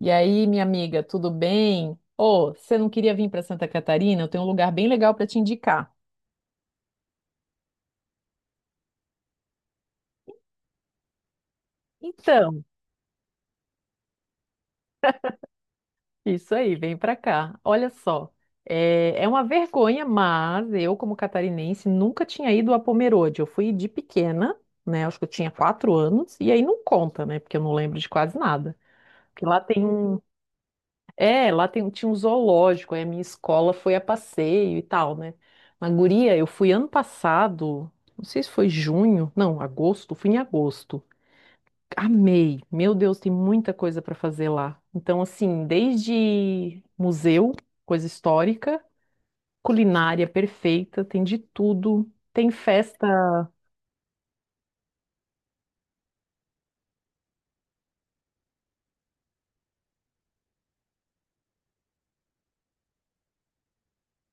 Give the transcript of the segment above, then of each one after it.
E aí, minha amiga, tudo bem? Ô, você não queria vir para Santa Catarina? Eu tenho um lugar bem legal para te indicar. Então, isso aí, vem para cá. Olha só, é uma vergonha, mas eu, como catarinense, nunca tinha ido a Pomerode. Eu fui de pequena, né? Acho que eu tinha 4 anos, e aí não conta, né? Porque eu não lembro de quase nada. Porque lá tem um, É, Lá tem, tinha um zoológico, aí a minha escola foi a passeio e tal, né? Mas, guria, eu fui ano passado, não sei se foi junho, não, agosto, fui em agosto. Amei, meu Deus, tem muita coisa para fazer lá. Então, assim, desde museu, coisa histórica, culinária perfeita, tem de tudo. Tem festa.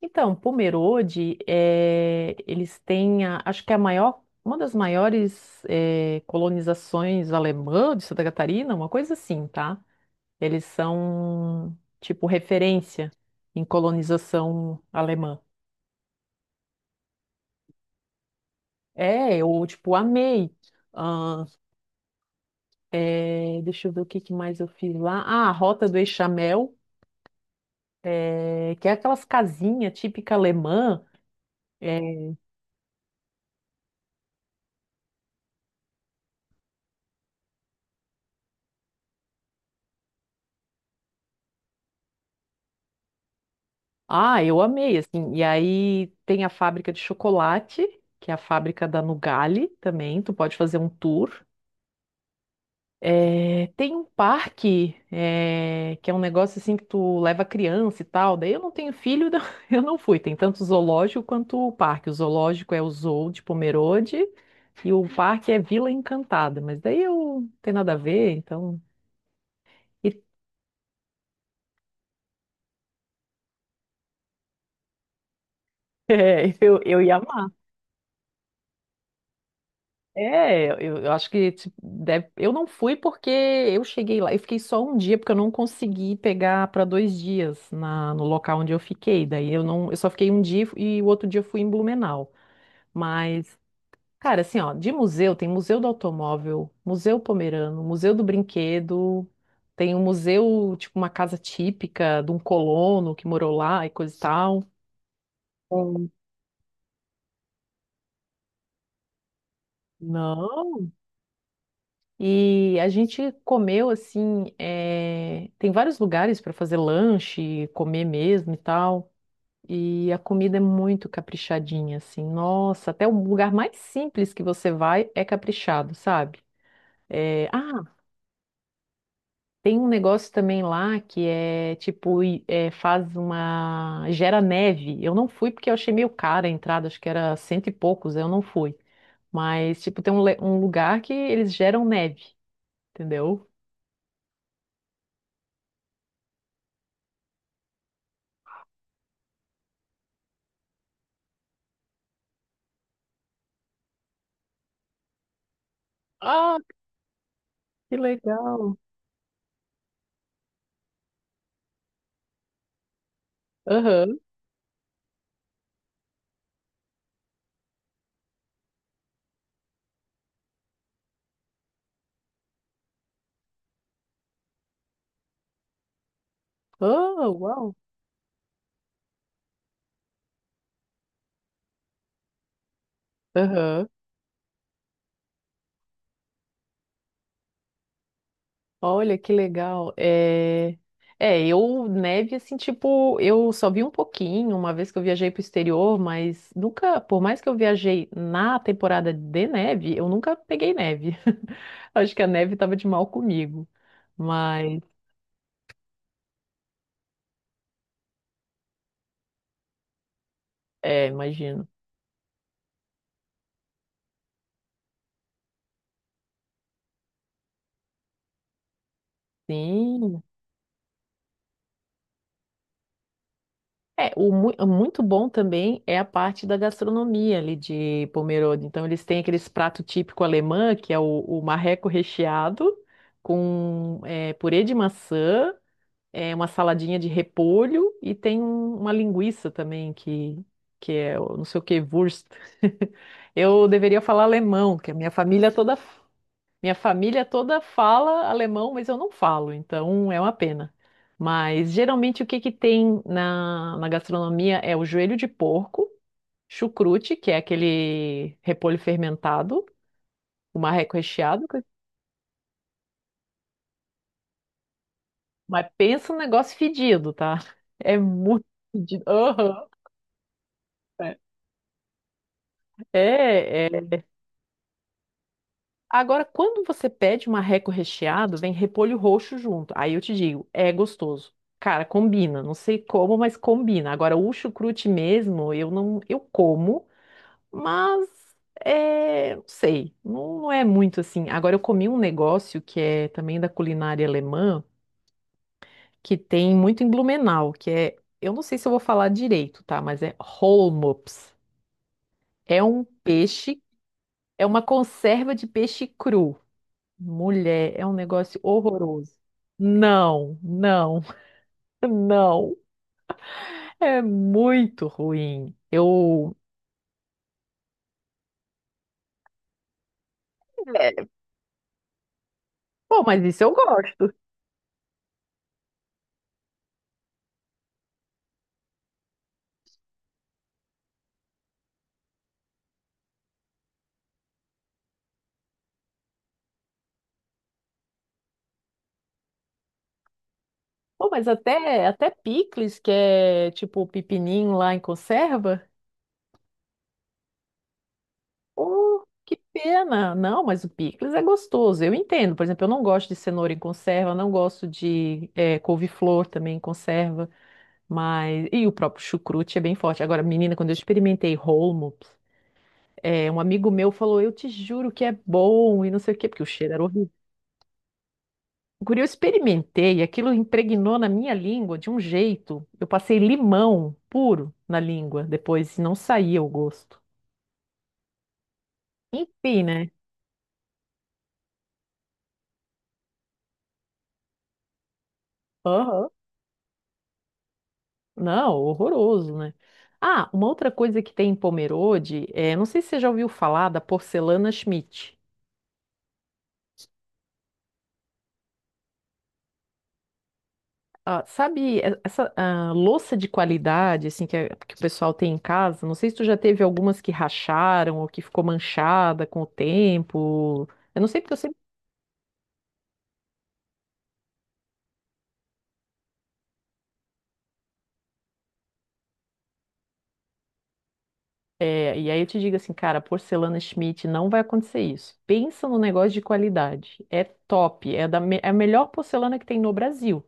Então, Pomerode, acho que é a maior, uma das maiores colonizações alemã de Santa Catarina, uma coisa assim, tá? Eles são, tipo, referência em colonização alemã. É, eu, tipo, amei. Ah, Deixa eu ver o que que mais eu fiz lá. Ah, a Rota do Eixamel, que é aquelas casinhas típica alemã. Ah, eu amei, assim. E aí tem a fábrica de chocolate, que é a fábrica da Nugali também. Tu pode fazer um tour. É, tem um parque, é, que é um negócio assim que tu leva criança e tal. Daí eu não tenho filho, então eu não fui. Tem tanto o zoológico quanto o parque. O zoológico é o Zoo de Pomerode e o parque é Vila Encantada. Mas daí eu não tem nada a ver, então. É, eu ia amar. É, eu acho que tipo, eu não fui porque eu cheguei lá, eu fiquei só um dia porque eu não consegui pegar para 2 dias na, no local onde eu fiquei. Daí eu não, eu só fiquei um dia e o outro dia eu fui em Blumenau. Mas, cara, assim, ó, de museu tem Museu do Automóvel, Museu Pomerano, Museu do Brinquedo, tem um museu, tipo uma casa típica de um colono que morou lá e coisa e tal. Sim. Não. E a gente comeu assim, tem vários lugares para fazer lanche, comer mesmo e tal. E a comida é muito caprichadinha, assim. Nossa, até o lugar mais simples que você vai é caprichado, sabe? Eh, ah, Tem um negócio também lá que é tipo, faz uma. Gera neve. Eu não fui porque eu achei meio cara a entrada, acho que era cento e poucos, eu não fui. Mas, tipo, tem um um lugar que eles geram neve, entendeu? Que legal. Aham. Oh, uau. Aham. Olha, que legal. É, eu, neve, assim, tipo, eu só vi um pouquinho uma vez que eu viajei pro exterior, mas nunca, por mais que eu viajei na temporada de neve, eu nunca peguei neve. Acho que a neve tava de mal comigo. Mas, é, imagino. Sim. É, o o muito bom também é a parte da gastronomia ali de Pomerode. Então, eles têm aqueles prato típico alemã, que é o marreco recheado, com é, purê de maçã, é, uma saladinha de repolho e tem uma linguiça também, que é o não sei o que, Wurst. Eu deveria falar alemão, que a minha família é toda minha família toda fala alemão, mas eu não falo, então é uma pena. Mas geralmente o que que tem na gastronomia é o joelho de porco, chucrute, que é aquele repolho fermentado, o marreco recheado, mas pensa no negócio fedido, tá? É muito fedido. Aham. É, é. Agora, quando você pede um marreco recheado, vem repolho roxo junto. Aí eu te digo, é gostoso. Cara, combina. Não sei como, mas combina. Agora, o chucrute mesmo, eu não, eu como, mas é, não sei, não, não é muito assim. Agora, eu comi um negócio que é também da culinária alemã, que tem muito em Blumenau, que é, eu não sei se eu vou falar direito, tá? Mas é Holmops. É um peixe, é uma conserva de peixe cru. Mulher, é um negócio horroroso. Não, não, não. É muito ruim. Eu. É, pô, mas isso eu gosto. Pô, mas até, até picles, que é tipo o pepininho lá em conserva. Pô, que pena. Não, mas o picles é gostoso. Eu entendo. Por exemplo, eu não gosto de cenoura em conserva, não gosto de é, couve-flor também em conserva. Mas. E o próprio chucrute é bem forte. Agora, menina, quando eu experimentei holmo. É, um amigo meu falou, eu te juro que é bom e não sei o quê, porque o cheiro era horrível. Guri, eu experimentei, aquilo impregnou na minha língua de um jeito. Eu passei limão puro na língua depois, e não saía o gosto. Enfim, né? Aham. Não, horroroso, né? Ah, uma outra coisa que tem em Pomerode, é, não sei se você já ouviu falar da porcelana Schmidt. Ah, sabe, essa louça de qualidade, assim, que o pessoal tem em casa, não sei se tu já teve algumas que racharam ou que ficou manchada com o tempo. Eu não sei porque eu sempre. É, e aí eu te digo assim, cara, porcelana Schmidt não vai acontecer isso. Pensa no negócio de qualidade. É top, é a melhor porcelana que tem no Brasil.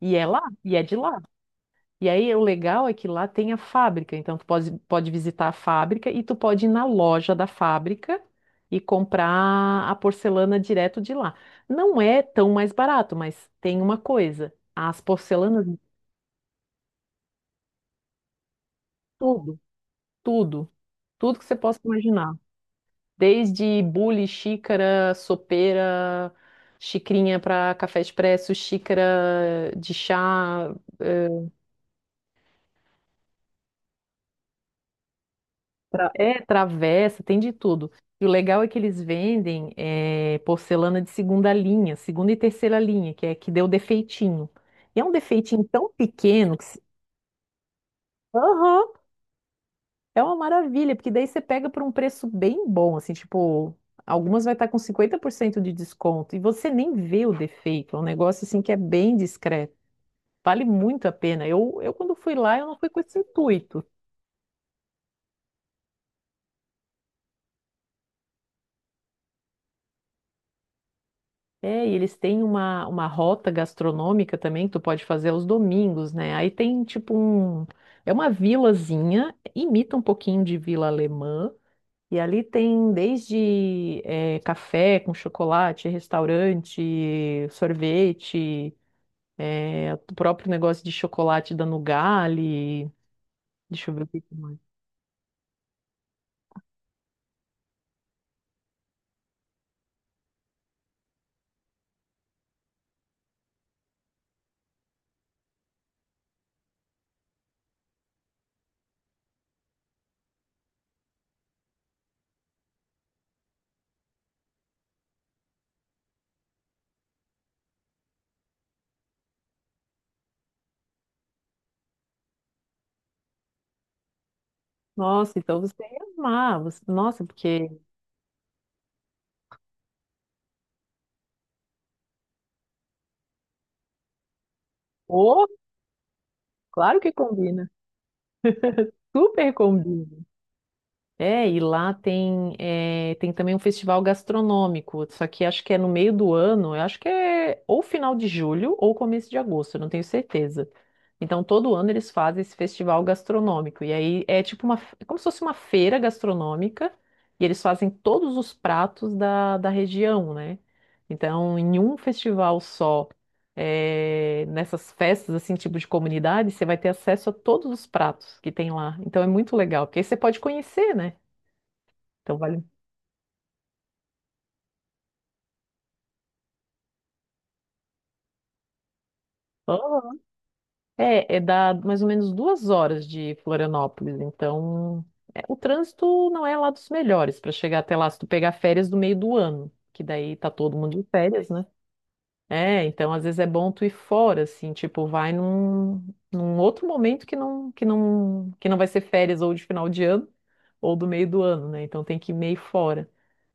E é lá, e é de lá. E aí, o legal é que lá tem a fábrica, então tu pode, pode visitar a fábrica e tu pode ir na loja da fábrica e comprar a porcelana direto de lá. Não é tão mais barato, mas tem uma coisa, as porcelanas, tudo, tudo, tudo que você possa imaginar, desde bule, xícara, sopeira, xicrinha para café expresso, xícara de chá, eh, travessa, tem de tudo. E o legal é que eles vendem porcelana de segunda linha, segunda e terceira linha, que é que deu defeitinho. E é um defeitinho tão pequeno que se- aham, é uma maravilha, porque daí você pega por um preço bem bom, assim, tipo, algumas vai estar com 50% de desconto e você nem vê o defeito. É um negócio assim que é bem discreto. Vale muito a pena. Eu quando fui lá, eu não fui com esse intuito. É, e eles têm uma rota gastronômica também que tu pode fazer aos domingos, né? Aí tem tipo um. É uma vilazinha, imita um pouquinho de vila alemã. E ali tem desde café com chocolate, restaurante, sorvete, eh, o próprio negócio de chocolate da Nugali. Deixa eu ver o que que mais. Nossa, então você ia amar. Nossa, porque. Oh, claro que combina. Super combina. É, e lá tem, é, tem também um festival gastronômico, só que acho que é no meio do ano, eu acho que é ou final de julho ou começo de agosto, eu não tenho certeza. Então, todo ano eles fazem esse festival gastronômico, e aí é tipo uma, é como se fosse uma feira gastronômica, e eles fazem todos os pratos da região, né? Então, em um festival só, é, nessas festas, assim, tipo de comunidade, você vai ter acesso a todos os pratos que tem lá. Então, é muito legal, porque aí você pode conhecer, né? Então vale. Aham. É, é dá mais ou menos 2 horas de Florianópolis. Então, é, o trânsito não é lá dos melhores para chegar até lá, se tu pegar férias do meio do ano, que daí tá todo mundo de férias, né? É, então às vezes é bom tu ir fora, assim, tipo, num outro momento que não vai ser férias ou de final de ano ou do meio do ano, né? Então tem que ir meio fora.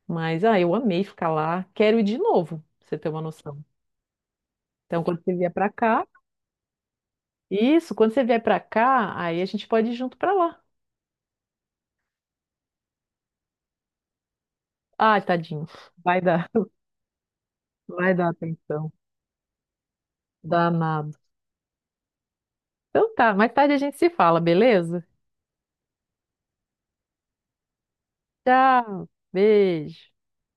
Mas, ah, eu amei ficar lá, quero ir de novo, pra você ter uma noção. Então, quando você vier pra cá, Isso, quando você vier pra cá, aí a gente pode ir junto pra lá. Ai, tadinho. Vai dar, vai dar atenção. Danado. Então tá, mais tarde a gente se fala, beleza? Tchau, beijo.